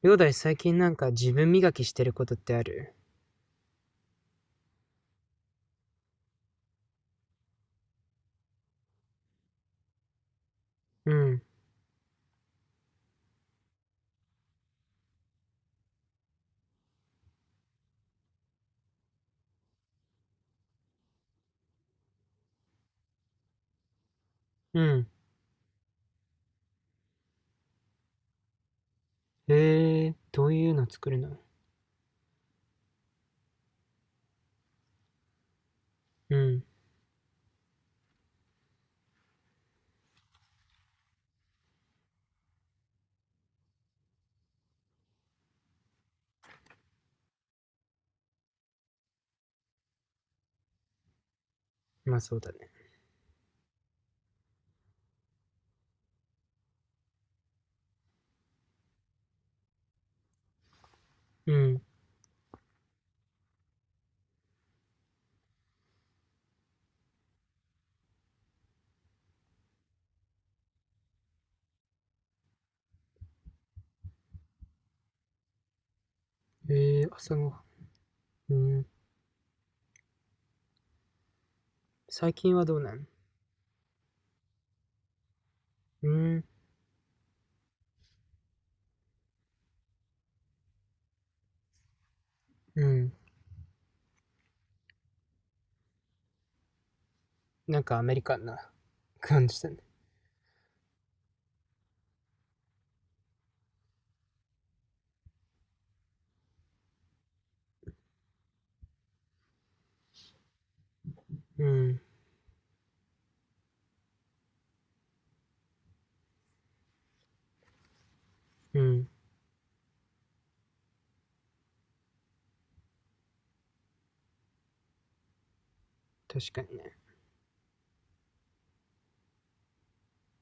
ヨーダイ、最近なんか自分磨きしてることってある？うん、うん。へえー、どういうの作るの？うん、まあそうだね。うん。へえー、朝ごはん。うん。最近はどうなん？うん、うん。なんかアメリカンな感じだね。うん、うん。確かにね。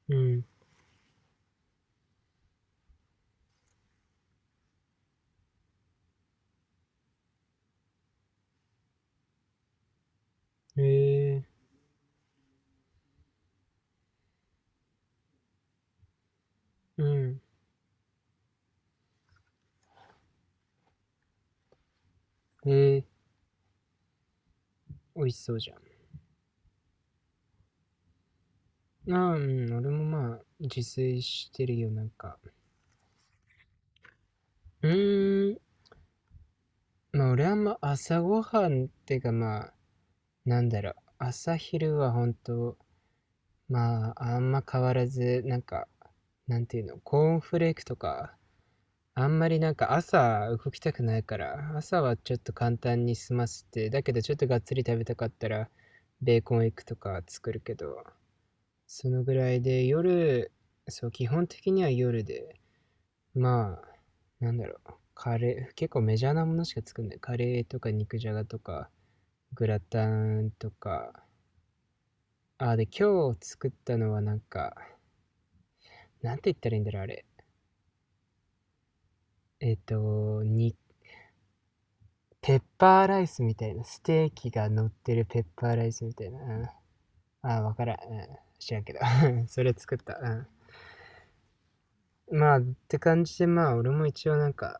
うん。へえー、うん。へえー、美味しそうじゃん。ああ、うん、俺もまあ、自炊してるよ、なんか。うーん、まあ俺はあんま朝ごはんってかまあ、朝昼は本当、まあ、あんま変わらず、なんか、なんていうの、コーンフレークとか、あんまりなんか朝動きたくないから、朝はちょっと簡単に済ませて、だけどちょっとがっつり食べたかったら、ベーコンエッグとか作るけど、そのぐらいで、夜、そう、基本的には夜で、まあ、カレー、結構メジャーなものしか作んない。カレーとか肉じゃがとか、グラタンとか、あ、で、今日作ったのはなんか、なんて言ったらいいんだろう、あれ。えっ、と、に、ペッパーライスみたいな、ステーキが乗ってるペッパーライスみたいな。うん、あ、わからん。うん、知らんけど。それ作った。うん。まあ、って感じで、まあ、俺も一応なんか、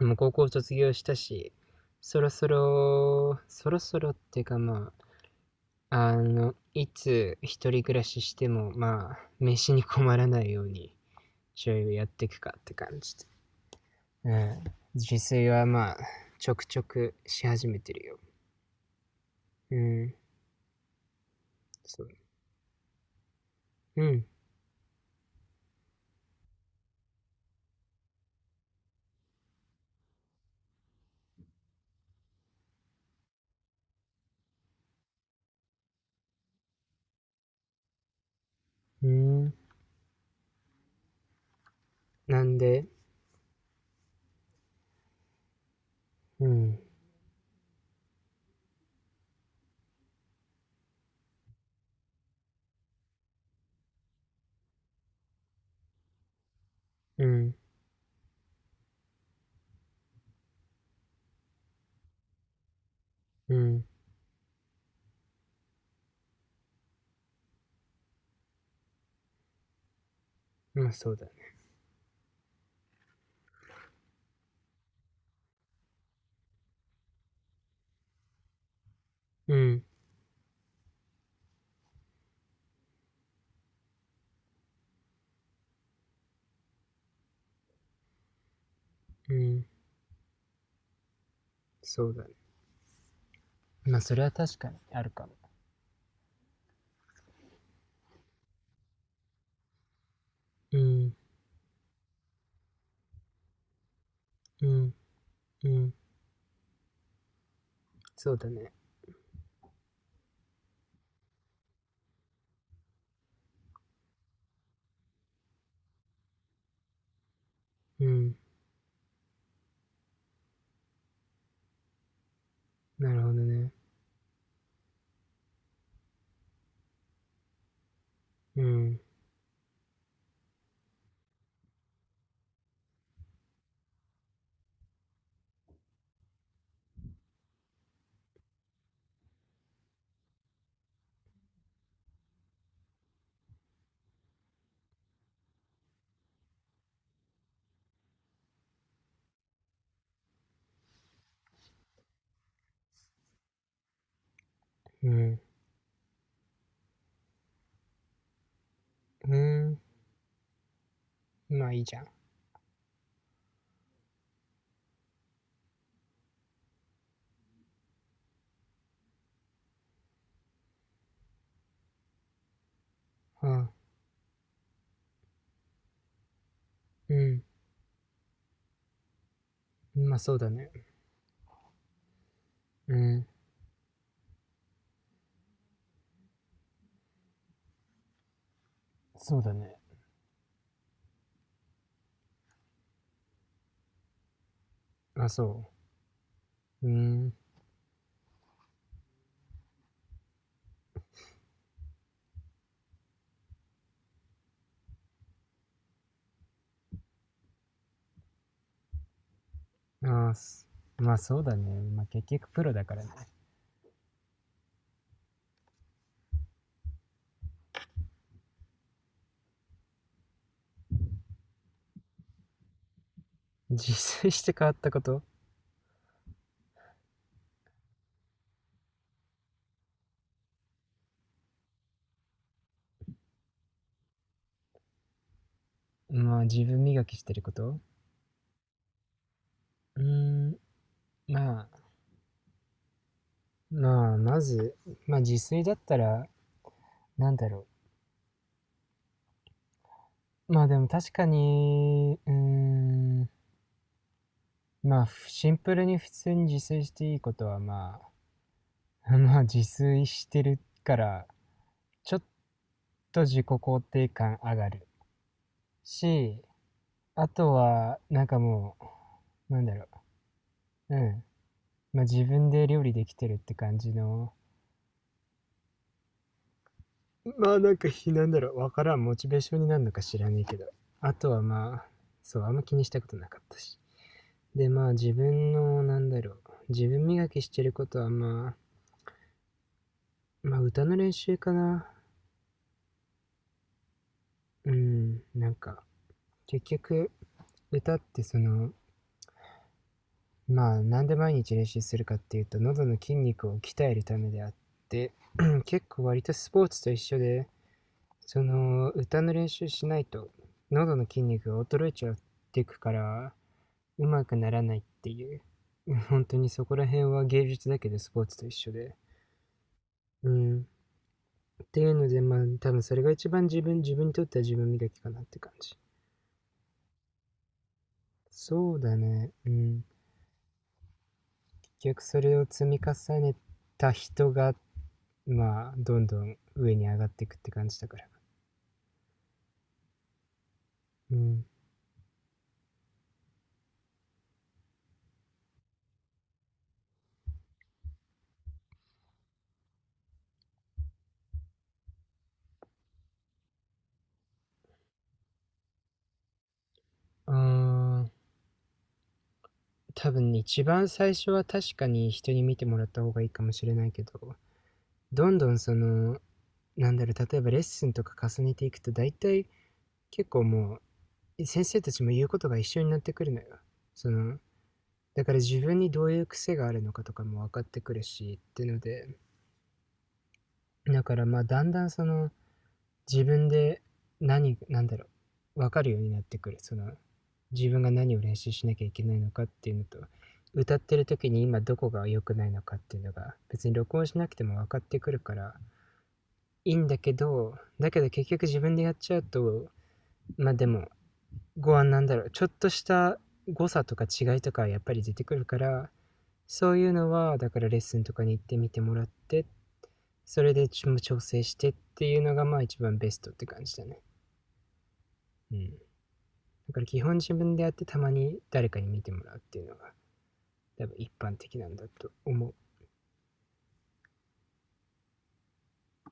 もう高校卒業したし、そろそろっていうかまあ、いつ一人暮らししても、まあ、飯に困らないように、ちょいやっていくかって感じで。うん。自炊はまあ、ちょくちょくし始めてるよ。うん。そう。うん。うん。なんで？うん。うん。うん。まあそうだね。うん。うん。そうだね。まあそれは確かにあるかも。うん。うん。うん。そうだね。うん。なるほどね。うん。うん。うん。まあいいじゃん。あ、うん。まあそうだね。うん。そうだね。まあ、そう。うん。あ、まあそうだね。まあ結局プロだからね。自炊して変わったこと？まあ自分磨きしてること。うーん、まあ、まあまず、まあ自炊だったら、なんだろまあでも確かに、うーん、まあシンプルに普通に自炊していいことはまあ まあ自炊してるからちょっと自己肯定感上がるし、あとはなんかもう、ううんまあ自分で料理できてるって感じの、まあなんかひなんだろうわからん、モチベーションになるのか知らねえけど、あとはまあ、そうあんま気にしたことなかったし、でまあ自分の、自分磨きしてることはまあ、まあ歌の練習かな。うん、なんか結局歌って、その、まあなんで毎日練習するかっていうと喉の筋肉を鍛えるためであって、 結構割とスポーツと一緒で、その歌の練習しないと喉の筋肉が衰えちゃっていくからうまくならないっていう。 本当にそこら辺は芸術だけどスポーツと一緒で、うん、っていうので、まあ多分それが一番自分にとっては自分磨きかなって感じ。そうだね、うん。結局それを積み重ねた人がまあどんどん上に上がっていくって感じだから。うん。あん、多分一番最初は確かに人に見てもらった方がいいかもしれないけど、どんどんその、例えばレッスンとか重ねていくと大体、結構もう先生たちも言うことが一緒になってくるのよ。その、だから自分にどういう癖があるのかとかも分かってくるし、っていうので、だからまあだんだんその自分で、何、なんだろう、分かるようになってくる。その、自分が何を練習しなきゃいけないのかっていうのと、歌ってる時に今どこが良くないのかっていうのが別に録音しなくても分かってくるからいいんだけど、だけど結局自分でやっちゃうと、まあでも、ご案なんだろうちょっとした誤差とか違いとかやっぱり出てくるから、そういうのはだからレッスンとかに行ってみてもらって、それで調整してっていうのがまあ一番ベストって感じだね。うん。だから基本自分でやって、たまに誰かに見てもらうっていうのが多分一般的なんだと思う。